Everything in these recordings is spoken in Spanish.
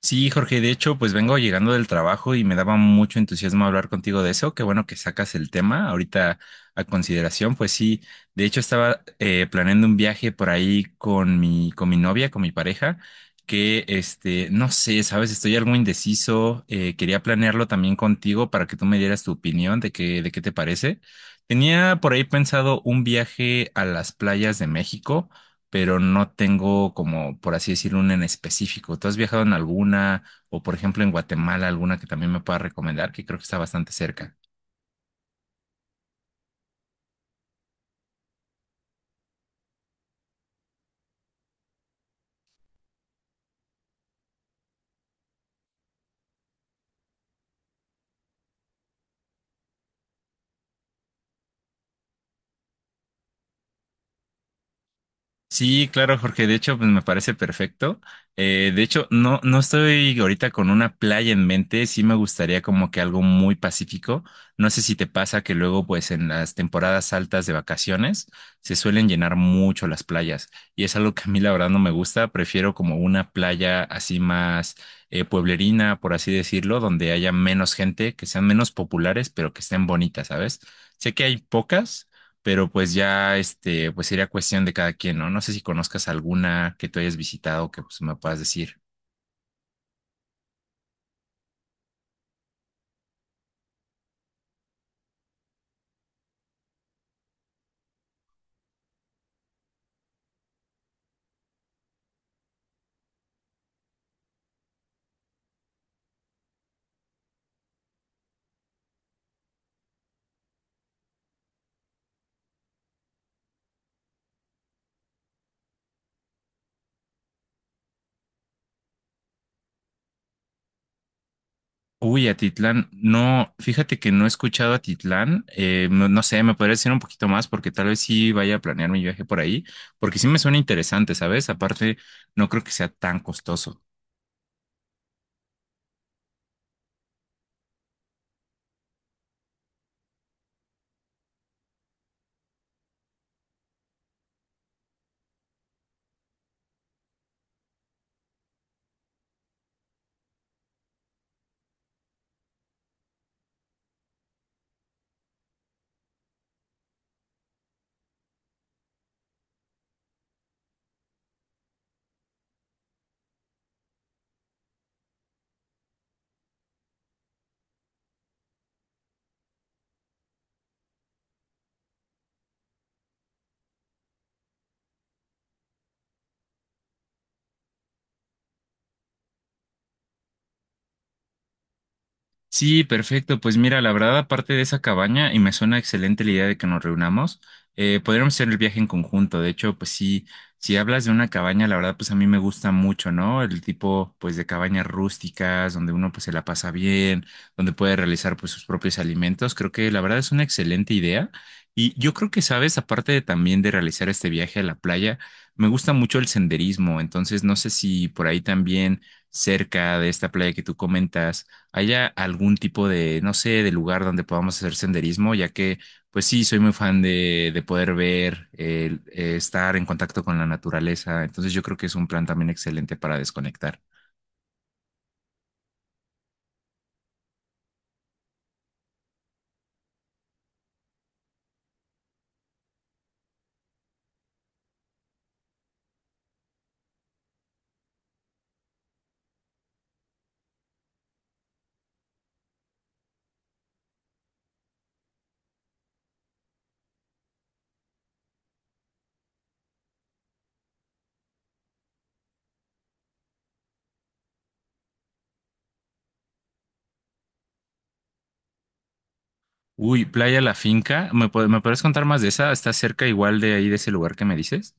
Sí, Jorge, de hecho, pues vengo llegando del trabajo y me daba mucho entusiasmo hablar contigo de eso. Qué bueno que sacas el tema ahorita a consideración. Pues sí, de hecho estaba planeando un viaje por ahí con mi novia, con mi pareja, que este, no sé, sabes, estoy algo indeciso. Quería planearlo también contigo para que tú me dieras tu opinión de qué te parece. Tenía por ahí pensado un viaje a las playas de México pero no tengo como, por así decirlo, una en específico. ¿Tú has viajado en alguna o, por ejemplo, en Guatemala, alguna que también me pueda recomendar, que creo que está bastante cerca? Sí, claro, Jorge. De hecho, pues me parece perfecto. De hecho, no, no estoy ahorita con una playa en mente. Sí me gustaría como que algo muy pacífico. No sé si te pasa que luego, pues en las temporadas altas de vacaciones, se suelen llenar mucho las playas. Y es algo que a mí la verdad no me gusta. Prefiero como una playa así más pueblerina, por así decirlo, donde haya menos gente, que sean menos populares, pero que estén bonitas, ¿sabes? Sé que hay pocas pero pues ya este, pues sería cuestión de cada quien, ¿no? No sé si conozcas alguna que tú hayas visitado que pues, me puedas decir. Uy, Atitlán, no, fíjate que no he escuchado Atitlán, no, no sé, me podrías decir un poquito más porque tal vez sí vaya a planear mi viaje por ahí, porque sí me suena interesante, ¿sabes? Aparte, no creo que sea tan costoso. Sí, perfecto. Pues mira, la verdad, aparte de esa cabaña, y me suena excelente la idea de que nos reunamos, podríamos hacer el viaje en conjunto. De hecho, pues sí, si hablas de una cabaña, la verdad, pues a mí me gusta mucho, ¿no? El tipo, pues, de cabañas rústicas, donde uno, pues, se la pasa bien, donde puede realizar, pues, sus propios alimentos. Creo que la verdad es una excelente idea. Y yo creo que, sabes, aparte de también de realizar este viaje a la playa, me gusta mucho el senderismo. Entonces, no sé si por ahí también, cerca de esta playa que tú comentas, haya algún tipo de, no sé, de lugar donde podamos hacer senderismo, ya que, pues sí, soy muy fan de poder ver, estar en contacto con la naturaleza. Entonces yo creo que es un plan también excelente para desconectar. Uy, Playa La Finca, ¿ me puedes contar más de esa? ¿Está cerca igual de ahí, de ese lugar que me dices?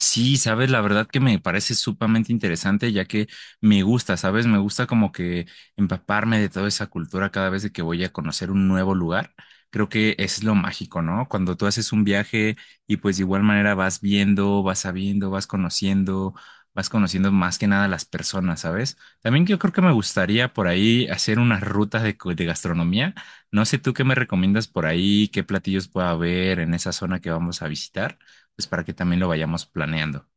Sí, sabes, la verdad que me parece sumamente interesante, ya que me gusta, sabes, me gusta como que empaparme de toda esa cultura cada vez de que voy a conocer un nuevo lugar. Creo que es lo mágico, ¿no? Cuando tú haces un viaje y pues de igual manera vas viendo, vas sabiendo, vas conociendo más que nada las personas, ¿sabes? También yo creo que me gustaría por ahí hacer unas rutas de, de gastronomía. No sé tú qué me recomiendas por ahí, qué platillos pueda haber en esa zona que vamos a visitar pues para que también lo vayamos planeando.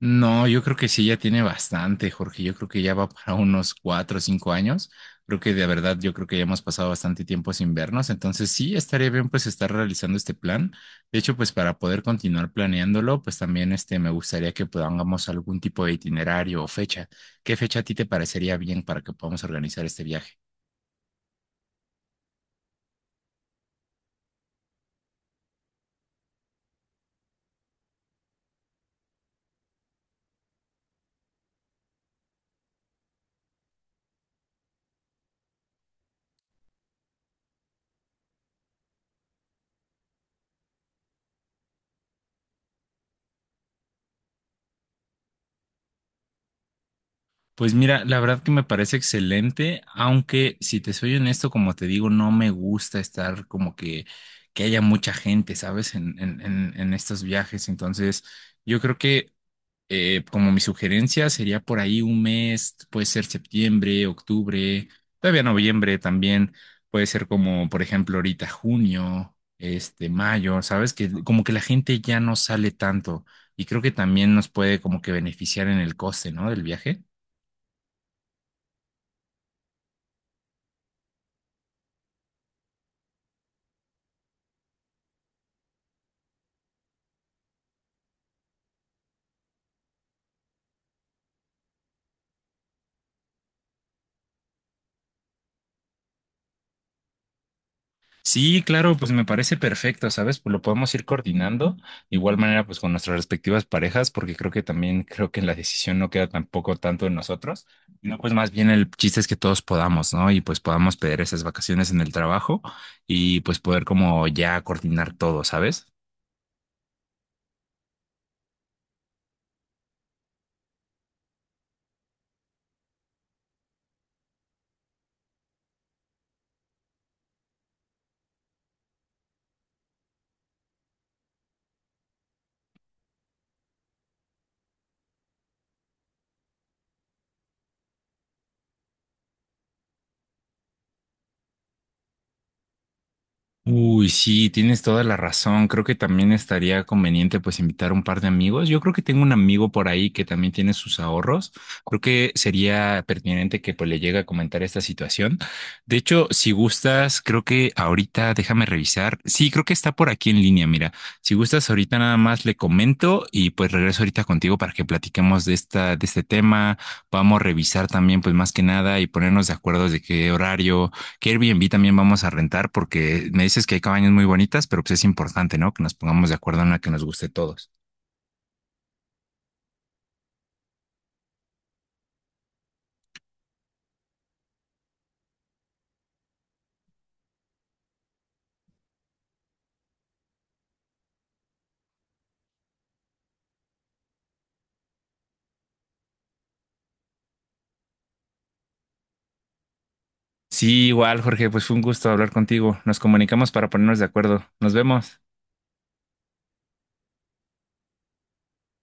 No, yo creo que sí, ya tiene bastante, Jorge. Yo creo que ya va para unos 4 o 5 años. Creo que de verdad, yo creo que ya hemos pasado bastante tiempo sin vernos. Entonces sí, estaría bien pues estar realizando este plan. De hecho, pues para poder continuar planeándolo, pues también este, me gustaría que podamos algún tipo de itinerario o fecha. ¿Qué fecha a ti te parecería bien para que podamos organizar este viaje? Pues mira, la verdad que me parece excelente, aunque si te soy honesto, como te digo, no me gusta estar como que haya mucha gente, ¿sabes? En, en estos viajes. Entonces, yo creo que como mi sugerencia sería por ahí un mes, puede ser septiembre, octubre, todavía noviembre también, puede ser como, por ejemplo, ahorita junio, este, mayo, ¿sabes? Que como que la gente ya no sale tanto y creo que también nos puede como que beneficiar en el coste, ¿no? Del viaje. Sí, claro, pues me parece perfecto, ¿sabes? Pues lo podemos ir coordinando, de igual manera, pues con nuestras respectivas parejas, porque creo que también creo que la decisión no queda tampoco tanto en nosotros, no, pues más bien el chiste es que todos podamos, ¿no? Y pues podamos pedir esas vacaciones en el trabajo y pues poder como ya coordinar todo, ¿sabes? Uy, sí, tienes toda la razón. Creo que también estaría conveniente pues invitar un par de amigos. Yo creo que tengo un amigo por ahí que también tiene sus ahorros. Creo que sería pertinente que pues le llegue a comentar esta situación. De hecho, si gustas, creo que ahorita déjame revisar. Sí, creo que está por aquí en línea. Mira, si gustas ahorita nada más le comento y pues regreso ahorita contigo para que platiquemos de de este tema. Vamos a revisar también pues más que nada y ponernos de acuerdo de qué horario. ¿Qué Airbnb también vamos a rentar? Porque me dices que hay cabañas muy bonitas, pero pues es importante, ¿no? Que nos pongamos de acuerdo en una que nos guste a todos. Sí, igual, Jorge, pues fue un gusto hablar contigo. Nos comunicamos para ponernos de acuerdo. Nos vemos.